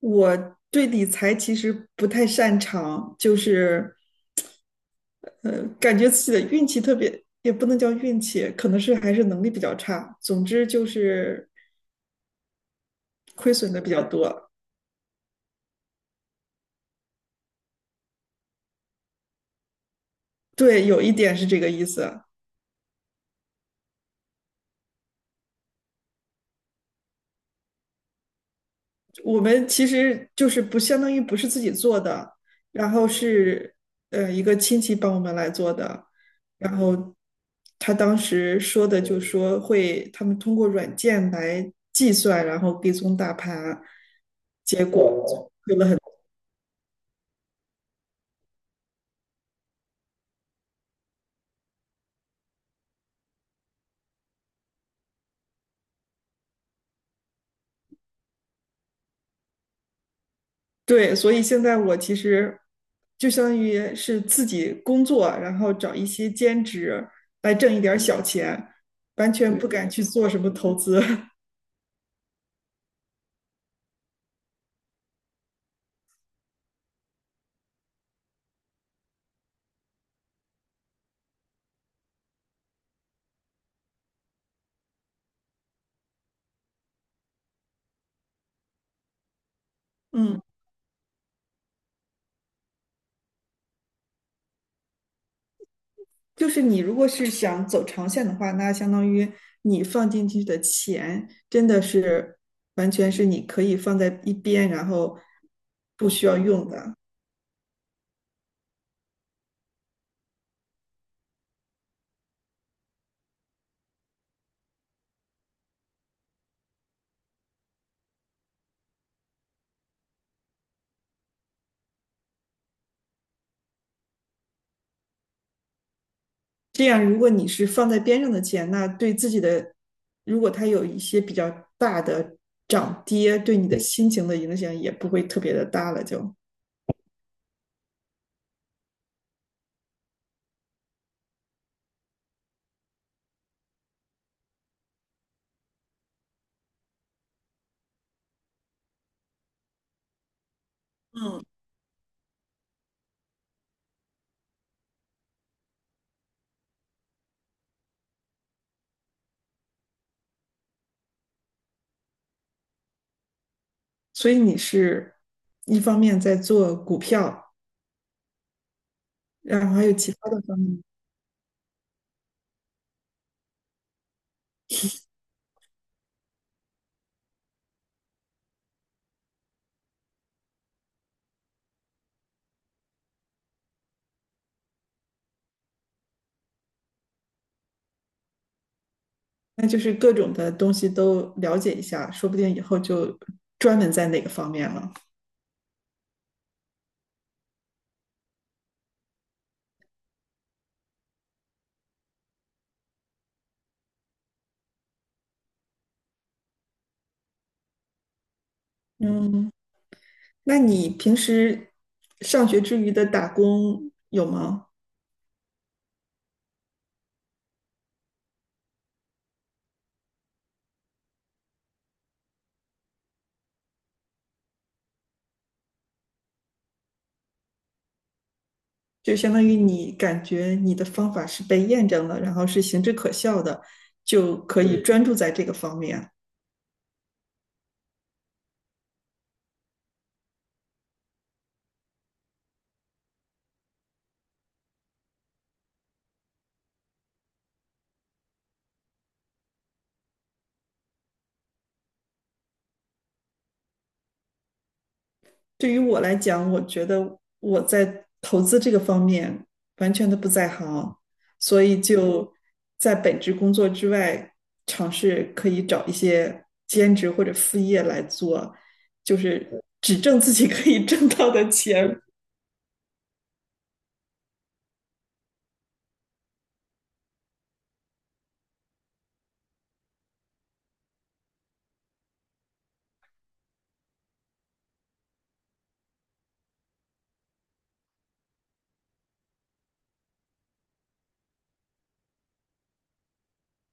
我对理财其实不太擅长，就是感觉自己的运气特别，也不能叫运气，可能是还是能力比较差。总之就是亏损的比较多。对，有一点是这个意思。我们其实就是不相当于不是自己做的，然后是一个亲戚帮我们来做的，然后他当时说的就说会他们通过软件来计算，然后跟踪大盘，结果对，所以现在我其实就相当于是自己工作，然后找一些兼职来挣一点儿小钱，完全不敢去做什么投资，嗯。就是你如果是想走长线的话，那相当于你放进去的钱真的是完全是你可以放在一边，然后不需要用的。这样，如果你是放在边上的钱，那对自己的，如果它有一些比较大的涨跌，对你的心情的影响也不会特别的大了就。嗯，所以你是一方面在做股票，然后还有其他的方面。那就是各种的东西都了解一下，说不定以后就专门在哪个方面了。嗯，那你平时上学之余的打工有吗？就相当于你感觉你的方法是被验证了，然后是行之可效的，就可以专注在这个方面。对于我来讲，我觉得我在投资这个方面完全的不在行，所以就在本职工作之外，尝试可以找一些兼职或者副业来做，就是只挣自己可以挣到的钱，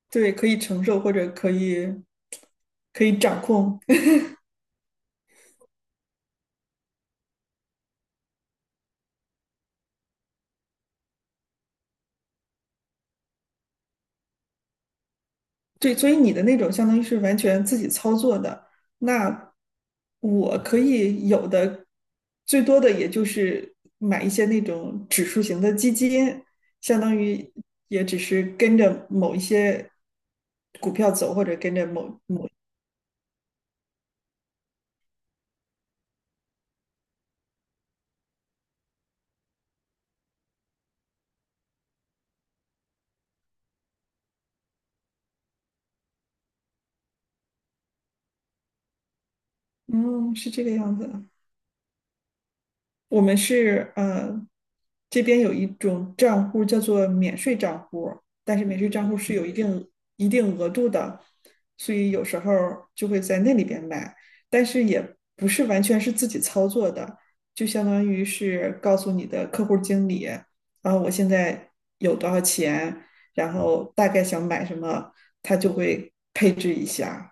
对，可以承受或者可以掌控。对，所以你的那种相当于是完全自己操作的，那我可以有的最多的也就是买一些那种指数型的基金，相当于也只是跟着某一些股票走，或者跟着某某，嗯，是这个样子。我们是这边有一种账户叫做免税账户，但是免税账户是有一定额度的，所以有时候就会在那里边买，但是也不是完全是自己操作的，就相当于是告诉你的客户经理，然后我现在有多少钱，然后大概想买什么，他就会配置一下。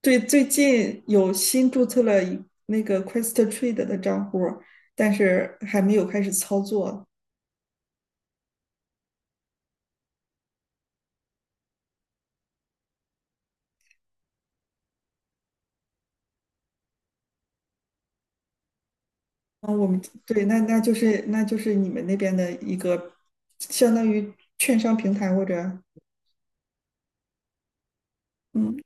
对，最近有新注册了一那个 QuestTrade 的账户，但是还没有开始操作。啊，我们对，那那就是你们那边的一个相当于券商平台或者嗯，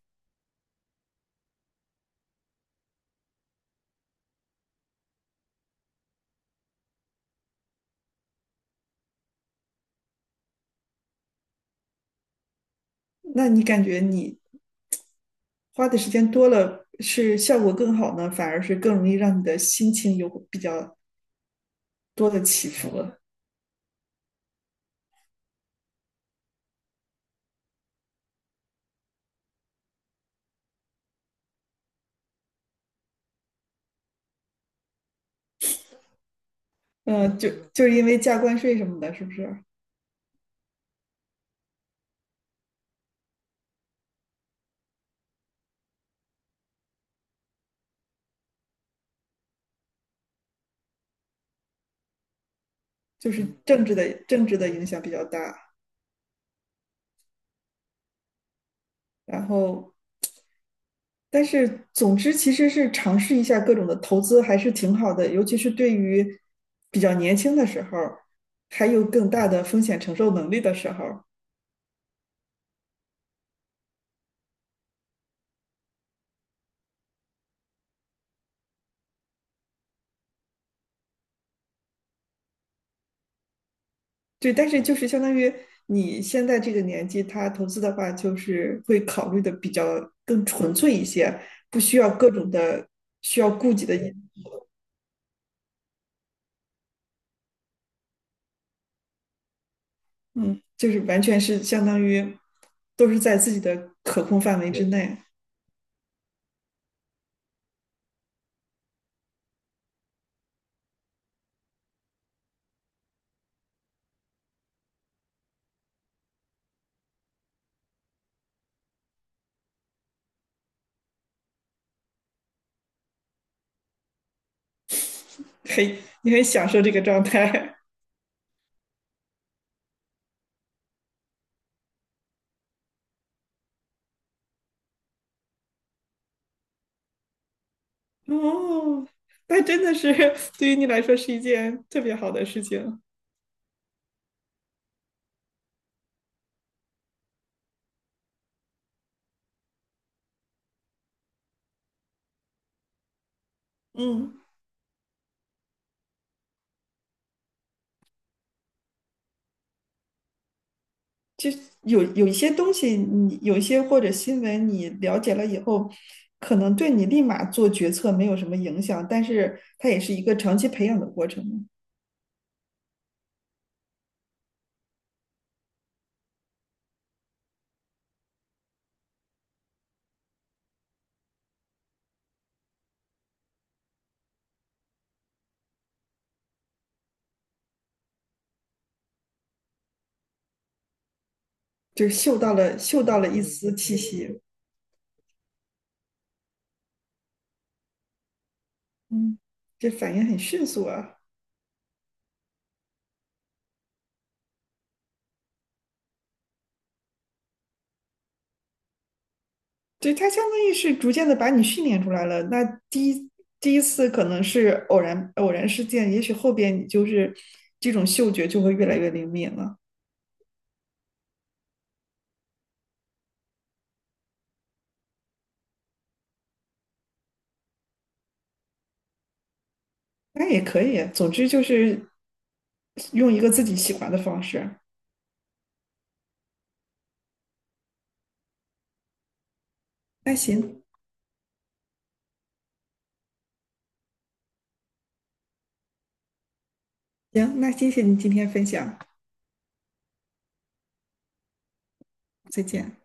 那你感觉你花的时间多了，是效果更好呢，反而是更容易让你的心情有比较多的起伏了？嗯，就是因为加关税什么的，是不是？就是政治的影响比较大，然后但是，总之其实是尝试一下各种的投资还是挺好的，尤其是对于比较年轻的时候，还有更大的风险承受能力的时候。对，但是就是相当于你现在这个年纪，他投资的话，就是会考虑的比较更纯粹一些，不需要各种的需要顾及的因嗯，就是完全是相当于都是在自己的可控范围之内，嘿，你很享受这个状态。哦，那真的是对于你来说是一件特别好的事情。嗯，就是有一些东西你，有一些或者新闻，你了解了以后，可能对你立马做决策没有什么影响，但是它也是一个长期培养的过程嘛，就是嗅到了一丝气息，嗯，这反应很迅速啊。对，它相当于是逐渐的把你训练出来了。那第一第一次可能是偶然事件，也许后边你就是这种嗅觉就会越来越灵敏了。那也可以，总之就是用一个自己喜欢的方式。那行，那谢谢你今天分享，再见。